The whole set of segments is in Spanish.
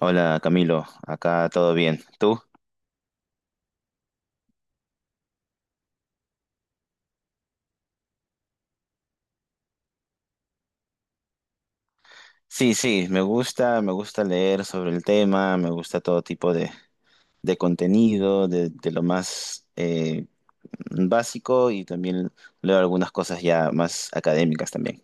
Hola Camilo, acá todo bien. ¿Tú? Sí, sí, me gusta leer sobre el tema, me gusta todo tipo de contenido, de lo más básico y también leo algunas cosas ya más académicas también.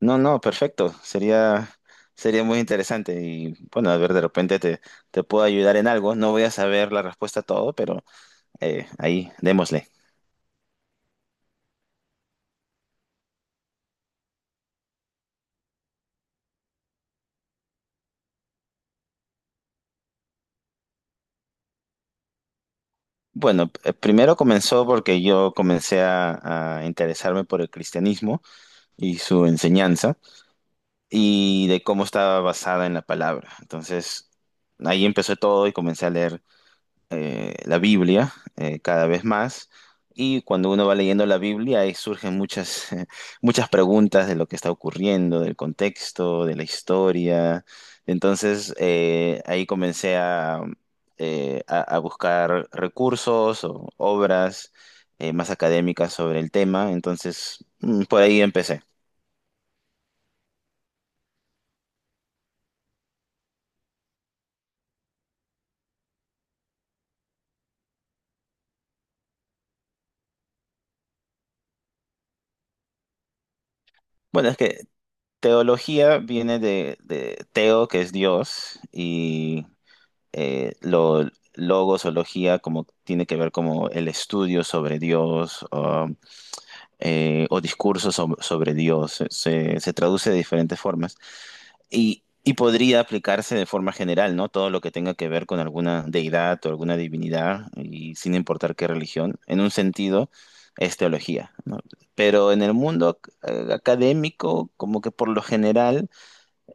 No, no, perfecto, sería muy interesante y bueno, a ver, de repente te puedo ayudar en algo, no voy a saber la respuesta a todo, pero ahí démosle. Bueno, primero comenzó porque yo comencé a interesarme por el cristianismo y su enseñanza y de cómo estaba basada en la palabra. Entonces, ahí empezó todo y comencé a leer la Biblia cada vez más. Y cuando uno va leyendo la Biblia, ahí surgen muchas, muchas preguntas de lo que está ocurriendo, del contexto, de la historia. Entonces, ahí a buscar recursos o obras más académicas sobre el tema. Entonces, por ahí empecé. Bueno, es que teología viene de teo, que es Dios, y eh, lo, logos o logía, como tiene que ver como el estudio sobre Dios o discursos sobre Dios. Se traduce de diferentes formas y podría aplicarse de forma general, ¿no? Todo lo que tenga que ver con alguna deidad o alguna divinidad y sin importar qué religión, en un sentido es teología, ¿no? Pero en el mundo académico, como que por lo general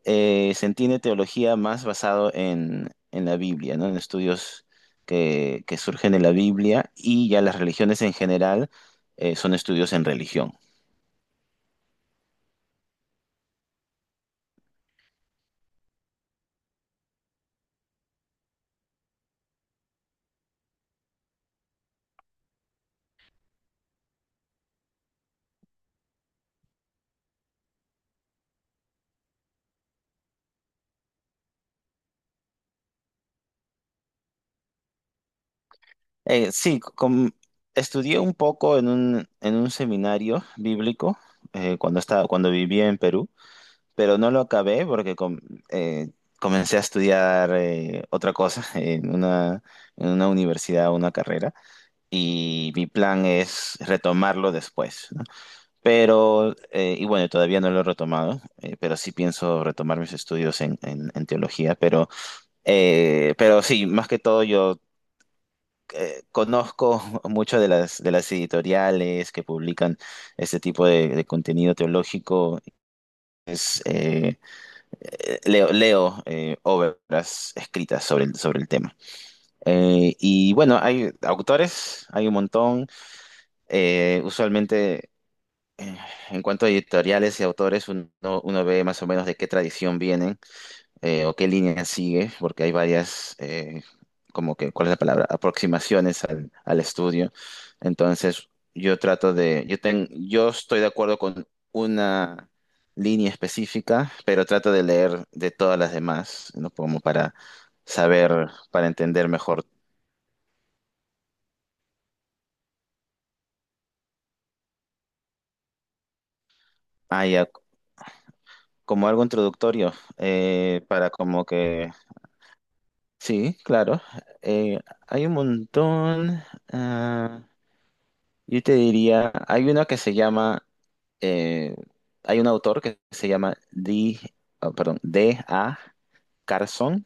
se entiende teología más basado en la Biblia, ¿no? En estudios que surgen de la Biblia, y ya las religiones en general son estudios en religión. Sí, estudié un poco en un seminario bíblico cuando estaba, cuando vivía en Perú, pero no lo acabé porque eh, comencé a estudiar otra cosa en una universidad, una carrera, y mi plan es retomarlo después, ¿no? Pero, y bueno, todavía no lo he retomado, pero sí pienso retomar mis estudios en, en teología, pero sí, más que todo yo conozco mucho de las editoriales que publican este tipo de contenido teológico. Es, eh, leo leo obras escritas sobre el tema. Y bueno, hay autores, hay un montón. Usualmente... eh, en cuanto a editoriales y autores, uno ve más o menos de qué tradición vienen, o qué línea sigue, porque hay varias, como que, ¿cuál es la palabra? Aproximaciones al, al estudio. Entonces, yo trato de, yo estoy de acuerdo con una línea específica, pero trato de leer de todas las demás, ¿no? Como para saber, para entender mejor. Ah, ya, como algo introductorio, para como que sí, claro. Eh, hay un montón. Ah, yo te diría, hay una que se llama, eh, hay un autor que se llama D, ah, perdón, D A. Carson.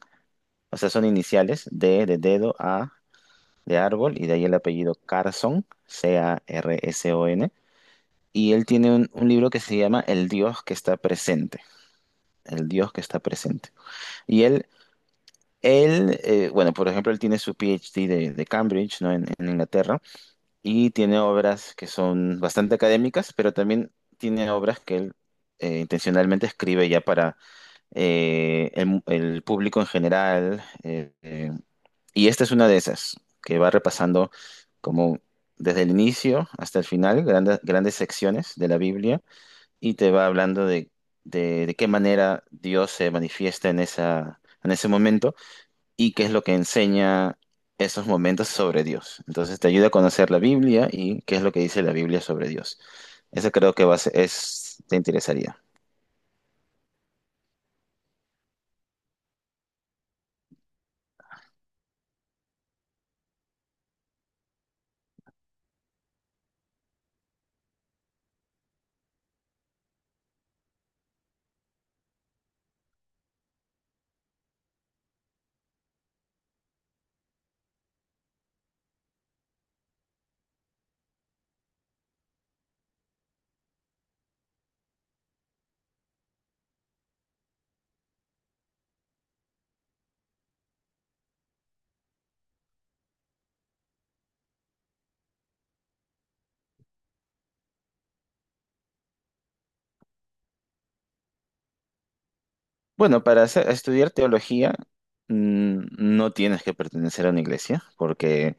O sea, son iniciales, D de dedo, A de árbol y de ahí el apellido Carson, Carson. Y él tiene un libro que se llama El Dios que está presente. El Dios que está presente. Y él Él, bueno, por ejemplo, él tiene su PhD de Cambridge, ¿no? En Inglaterra, y tiene obras que son bastante académicas, pero también tiene obras que él intencionalmente escribe ya para el público en general. Y esta es una de esas, que va repasando como desde el inicio hasta el final, grandes, grandes secciones de la Biblia, y te va hablando de qué manera Dios se manifiesta en esa, en ese momento y qué es lo que enseña esos momentos sobre Dios. Entonces te ayuda a conocer la Biblia y qué es lo que dice la Biblia sobre Dios. Eso creo que es, te interesaría. Bueno, para estudiar teología, no tienes que pertenecer a una iglesia porque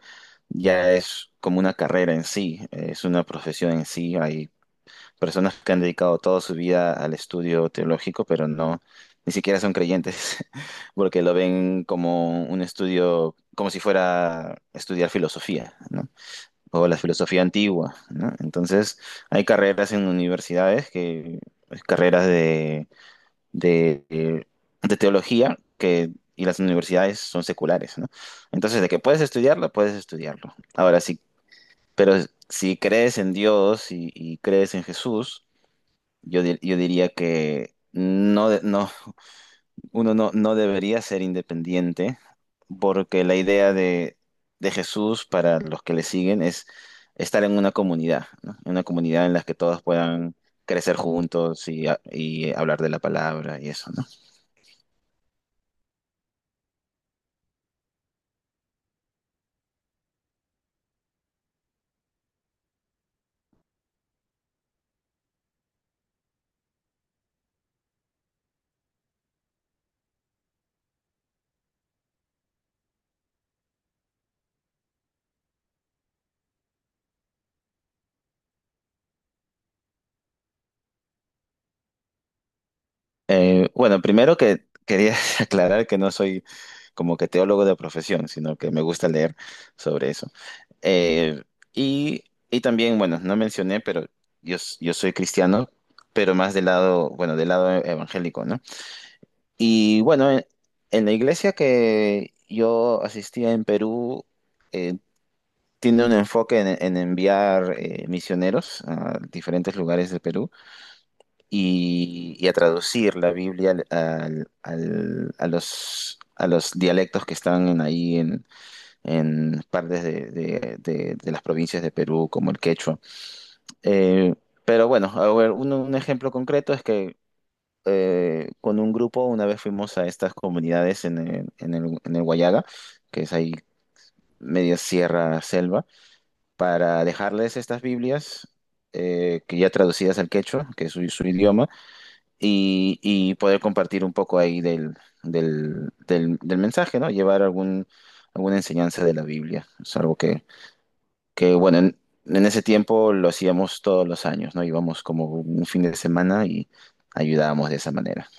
ya es como una carrera en sí, es una profesión en sí. Personas que han dedicado toda su vida al estudio teológico, pero no, ni siquiera son creyentes, porque lo ven como un estudio, como si fuera estudiar filosofía, ¿no? O la filosofía antigua, ¿no? Entonces, hay carreras en universidades que, pues, carreras de, de- de teología que... Y las universidades son seculares, ¿no? Entonces, de que puedes estudiarlo, puedes estudiarlo. Ahora, sí, pero si crees en Dios y crees en Jesús, yo diría que no, no, uno no, no debería ser independiente porque la idea de Jesús para los que le siguen es estar en una comunidad, ¿no? En una comunidad en la que todos puedan crecer juntos y hablar de la palabra y eso, ¿no? Bueno, primero que quería aclarar que no soy como que teólogo de profesión, sino que me gusta leer sobre eso. Eh, y, y también, bueno, no mencioné, pero yo soy cristiano, pero más del lado, bueno, del lado evangélico, ¿no? Y bueno, en la iglesia que yo asistía en Perú, eh, tiene un enfoque en enviar misioneros a diferentes lugares de Perú y a traducir la Biblia a los dialectos que están ahí en partes de las provincias de Perú, como el quechua. Eh, pero bueno, a ver, un ejemplo concreto es que con un grupo una vez fuimos a estas comunidades en el, en el, en el Huallaga, que es ahí media sierra selva, para dejarles estas Biblias, que ya traducidas al quechua, que es su, su idioma, y poder compartir un poco ahí del mensaje, ¿no? Llevar algún, alguna enseñanza de la Biblia. Es algo que bueno, en ese tiempo lo hacíamos todos los años, ¿no? Íbamos como un fin de semana y ayudábamos de esa manera.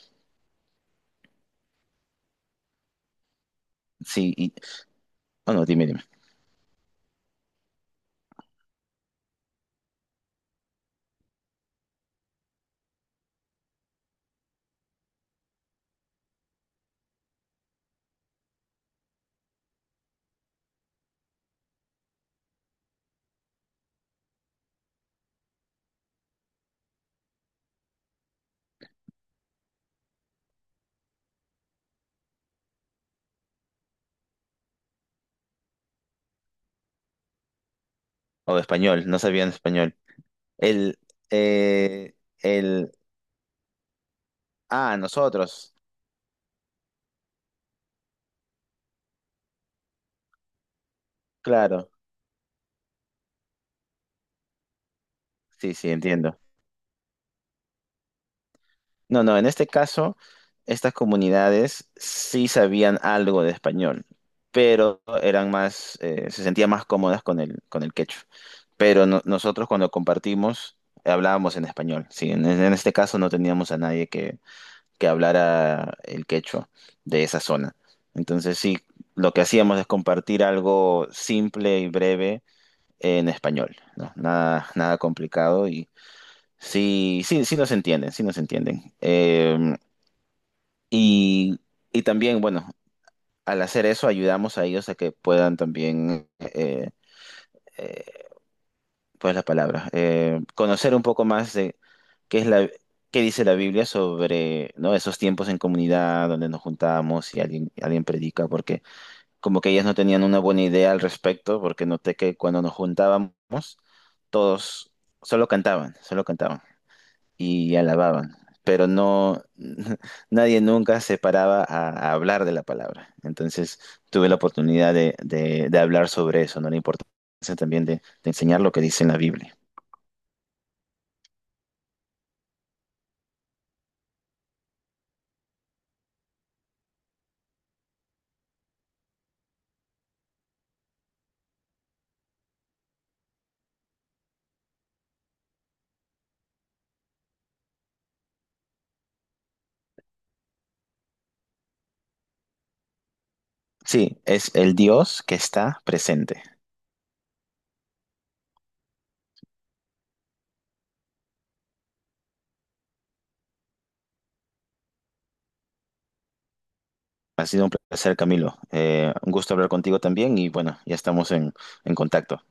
Sí, y, bueno, dime, dime. O español, no sabían español. El, eh, el, nosotros, claro, sí, sí, entiendo. No, no, en este caso, estas comunidades sí sabían algo de español, pero eran más, se sentían más cómodas con el quechua. Pero nosotros cuando compartimos, hablábamos en español, sí. En este caso no teníamos a nadie que, que hablara el quechua de esa zona. Entonces sí, lo que hacíamos es compartir algo simple y breve en español, ¿no? Nada, nada complicado y sí, sí, sí nos entienden, sí nos entienden. Y, y también, bueno, al hacer eso ayudamos a ellos a que puedan también, eh, pues la palabra, conocer un poco más de qué es la, qué dice la Biblia sobre, ¿no? Esos tiempos en comunidad donde nos juntábamos y alguien, alguien predica, porque como que ellas no tenían una buena idea al respecto, porque noté que cuando nos juntábamos, todos solo cantaban y alababan, pero no, nadie nunca se paraba a hablar de la palabra. Entonces tuve la oportunidad de hablar sobre eso, ¿no? La importancia también de enseñar lo que dice en la Biblia. Sí, es El Dios que está presente. Ha sido un placer, Camilo. Un gusto hablar contigo también y bueno, ya estamos en contacto.